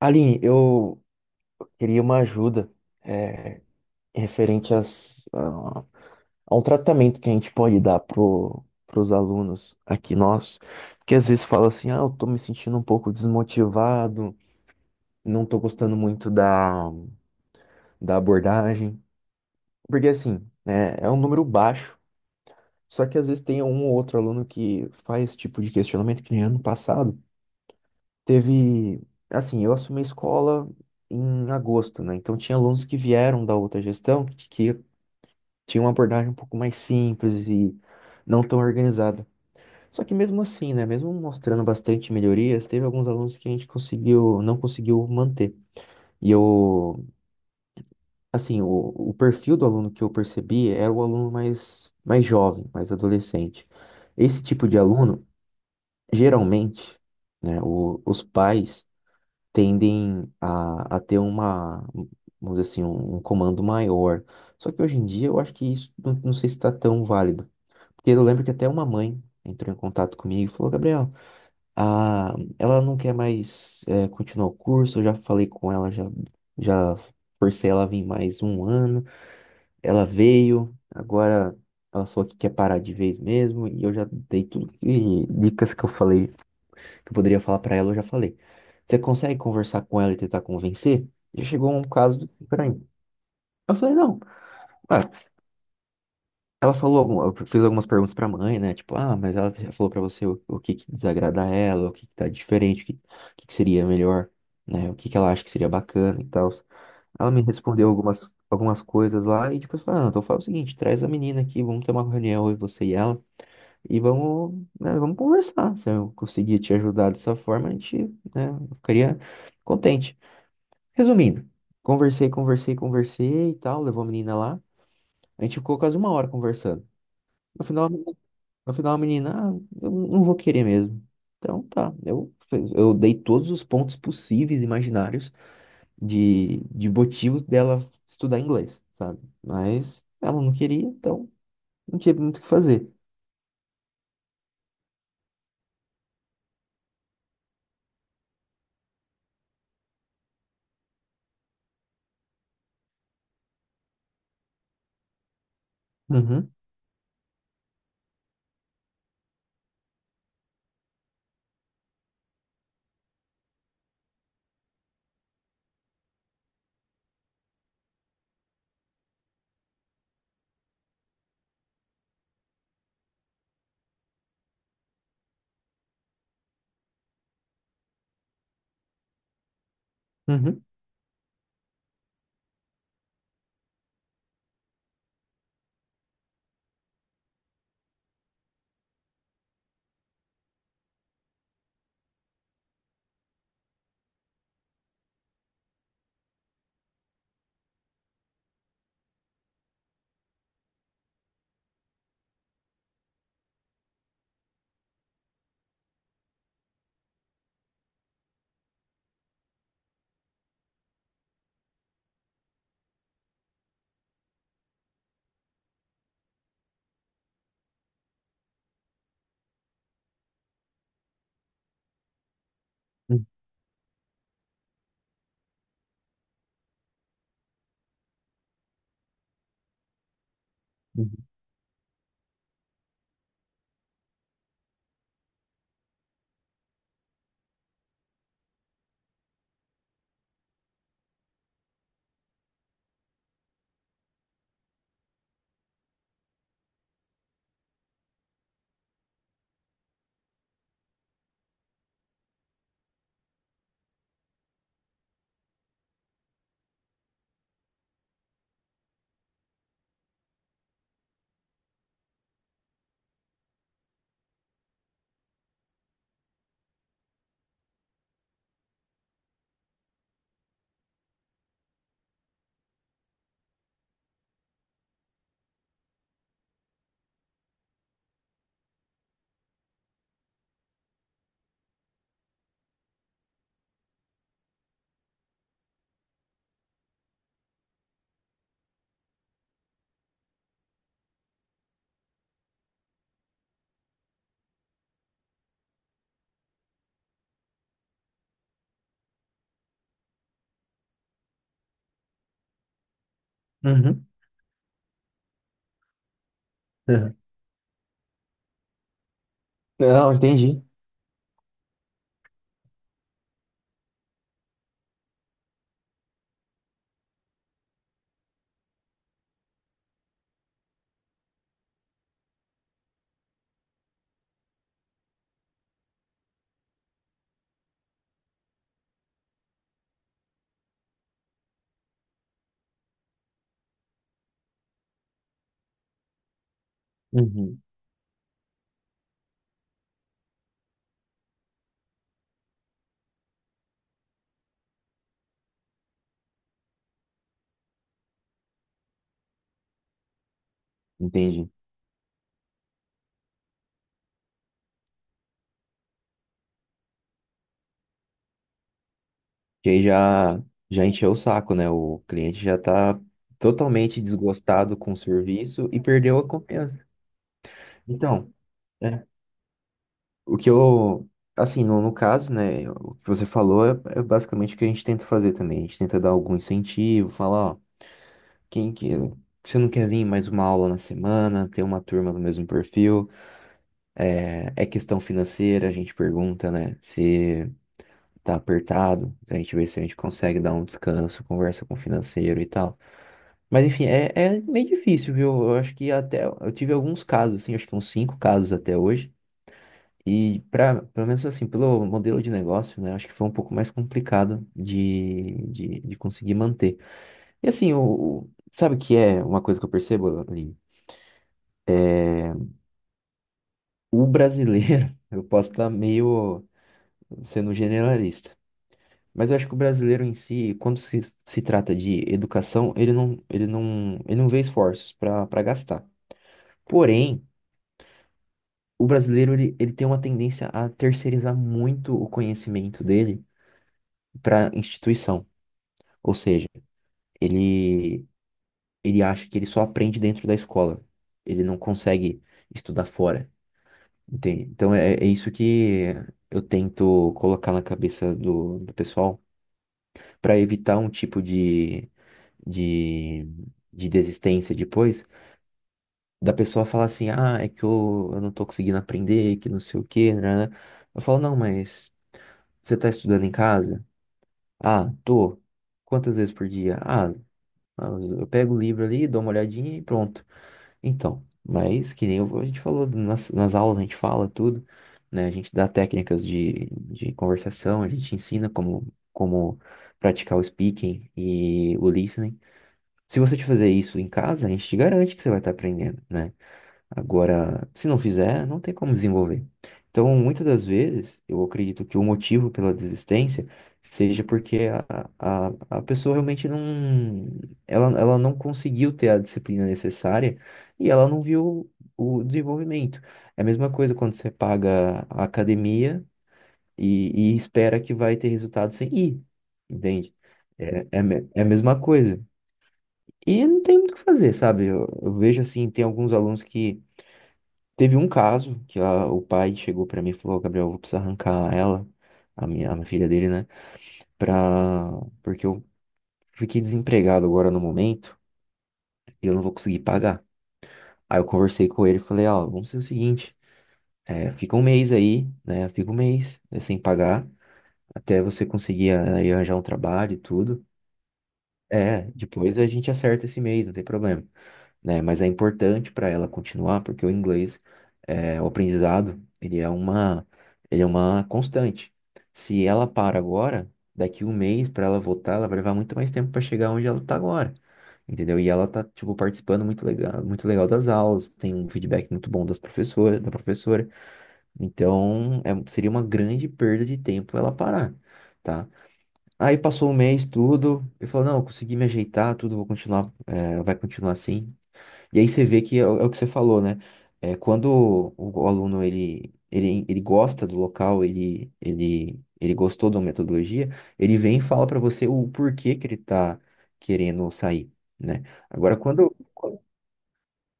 Aline, eu queria uma ajuda, é, referente a a um tratamento que a gente pode dar pros alunos aqui nossos, que às vezes fala assim, ah, eu tô me sentindo um pouco desmotivado, não tô gostando muito da abordagem, porque assim, né, é um número baixo, só que às vezes tem um ou outro aluno que faz esse tipo de questionamento, que nem ano passado. Teve, assim, eu assumi a escola em agosto, né? Então tinha alunos que vieram da outra gestão que tinham uma abordagem um pouco mais simples e não tão organizada. Só que mesmo assim, né? Mesmo mostrando bastante melhorias, teve alguns alunos que a gente não conseguiu manter. E eu, assim, o perfil do aluno que eu percebi era o aluno mais jovem, mais adolescente. Esse tipo de aluno, geralmente, né, os pais tendem a ter uma, vamos dizer assim, um comando maior. Só que hoje em dia eu acho que isso não sei se está tão válido. Porque eu lembro que até uma mãe entrou em contato comigo e falou, Gabriel, a, ela não quer mais continuar o curso, eu já falei com ela, já forcei ela a vir mais um ano, ela veio, agora ela falou que quer parar de vez mesmo, e eu já dei tudo dicas que eu falei que eu poderia falar pra ela, eu já falei. Você consegue conversar com ela e tentar convencer? E chegou um caso assim pra mim. Eu falei, não. Ah, ela falou, algum- eu fiz algumas perguntas pra mãe, né? Tipo, ah, mas ela já falou pra você o que que desagrada a ela, o que que tá diferente, o que que seria melhor, né? O que que ela acha que seria bacana e tal. Ela me respondeu algumas coisas lá e depois falou, ah, então fala o seguinte, traz a menina aqui, vamos ter uma reunião, eu, você e ela. E vamos, né, vamos conversar. Se eu conseguir te ajudar dessa forma, a gente, né, eu ficaria contente. Resumindo, conversei, conversei, conversei e tal, levou a menina lá. A gente ficou quase uma hora conversando. No final, no final a menina, ah, eu não vou querer mesmo. Então tá, eu dei todos os pontos possíveis, imaginários, de motivos dela estudar inglês, sabe? Mas ela não queria, então não tinha muito o que fazer. Uhum, uhum, uhum, uhum. Uhum. Não, entendi. Uhum, entendi. Que aí já encheu o saco, né? O cliente já tá totalmente desgostado com o serviço e perdeu a confiança. Então, é, o que eu, assim, no, no caso, né? O que você falou é, é basicamente o que a gente tenta fazer também. A gente tenta dar algum incentivo, falar, ó, quem que. Você não quer vir em mais uma aula na semana, ter uma turma do mesmo perfil? É, é questão financeira, a gente pergunta, né? Se tá apertado, a gente vê se a gente consegue dar um descanso, conversa com o financeiro e tal. Mas enfim, é, é meio difícil, viu? Eu acho que até eu tive alguns casos, assim, acho que uns cinco casos até hoje. E para, pelo menos assim, pelo modelo de negócio, né? Acho que foi um pouco mais complicado de conseguir manter. E assim, sabe o que é uma coisa que eu percebo, Aline? O brasileiro, eu posso estar meio sendo generalista, mas eu acho que o brasileiro em si, quando se trata de educação, ele não vê esforços para para gastar. Porém, o brasileiro ele tem uma tendência a terceirizar muito o conhecimento dele para instituição. Ou seja, ele, ele acha que ele só aprende dentro da escola. Ele não consegue estudar fora, entende? Então é, é isso que eu tento colocar na cabeça do pessoal para evitar um tipo de, de desistência depois, da pessoa falar assim, ah, é que eu não tô conseguindo aprender, que não sei o quê, né? Eu falo, não, mas você tá estudando em casa? Ah, tô. Quantas vezes por dia? Ah, eu pego o livro ali, dou uma olhadinha e pronto. Então, mas que nem eu- a gente falou nas aulas, a gente fala tudo, né? A gente dá técnicas de conversação, a gente ensina como, como praticar o speaking e o listening. Se você te fazer isso em casa, a gente te garante que você vai estar aprendendo, né? Agora, se não fizer, não tem como desenvolver. Então, muitas das vezes, eu acredito que o motivo pela desistência seja porque a pessoa realmente não, ela não conseguiu ter a disciplina necessária e ela não viu o desenvolvimento. É a mesma coisa quando você paga a academia e espera que vai ter resultado sem ir, entende? É, é, a me- é a mesma coisa. E não tem muito o que fazer, sabe? Eu vejo assim, tem alguns alunos que teve um caso que o pai chegou pra mim e falou, "Ó, Gabriel, eu vou precisar arrancar ela, a minha filha dele, né? Pra... Porque eu fiquei desempregado agora no momento e eu não vou conseguir pagar." Aí eu conversei com ele e falei, ó, vamos fazer o seguinte, é, fica um mês aí, né? Fica um mês é, sem pagar, até você conseguir é, aí arranjar um trabalho e tudo. É, depois a gente acerta esse mês, não tem problema, né? Mas é importante para ela continuar, porque o inglês, é, o aprendizado, ele é uma constante. Se ela para agora, daqui um mês para ela voltar, ela vai levar muito mais tempo para chegar onde ela tá agora. Entendeu? E ela tá, tipo, participando muito legal das aulas, tem um feedback muito bom das professoras, da professora. Então, é- seria uma grande perda de tempo ela parar, tá? Aí passou um mês, tudo, e falou, não, eu consegui me ajeitar, tudo, vou continuar, eh, vai continuar assim. E aí você vê que é, o é o que você falou, né? É, quando o aluno ele gosta do local, ele gostou da metodologia, ele vem e fala para você o porquê que ele está querendo sair, né? Agora, quando,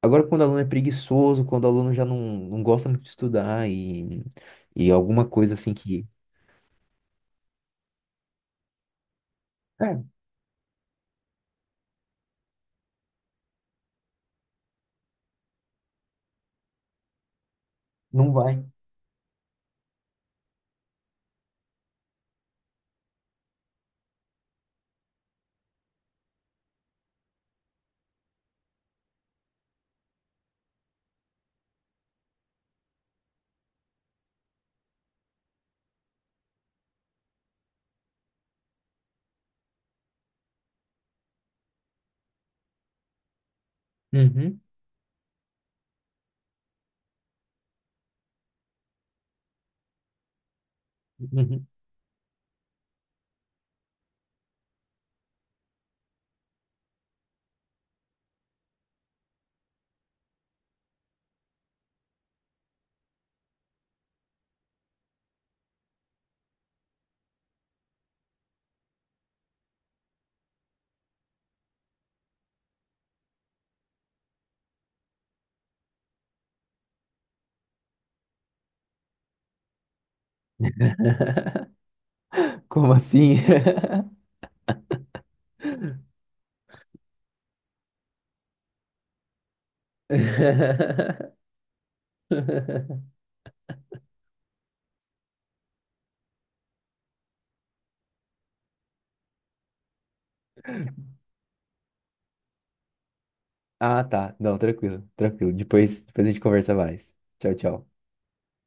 agora, quando o aluno é preguiçoso, quando o aluno já não gosta muito de estudar e alguma coisa assim que... É, não vai. Uhum, uhum. Como assim? Ah, tá. Não, tranquilo, tranquilo. Depois a gente conversa mais. Tchau, tchau.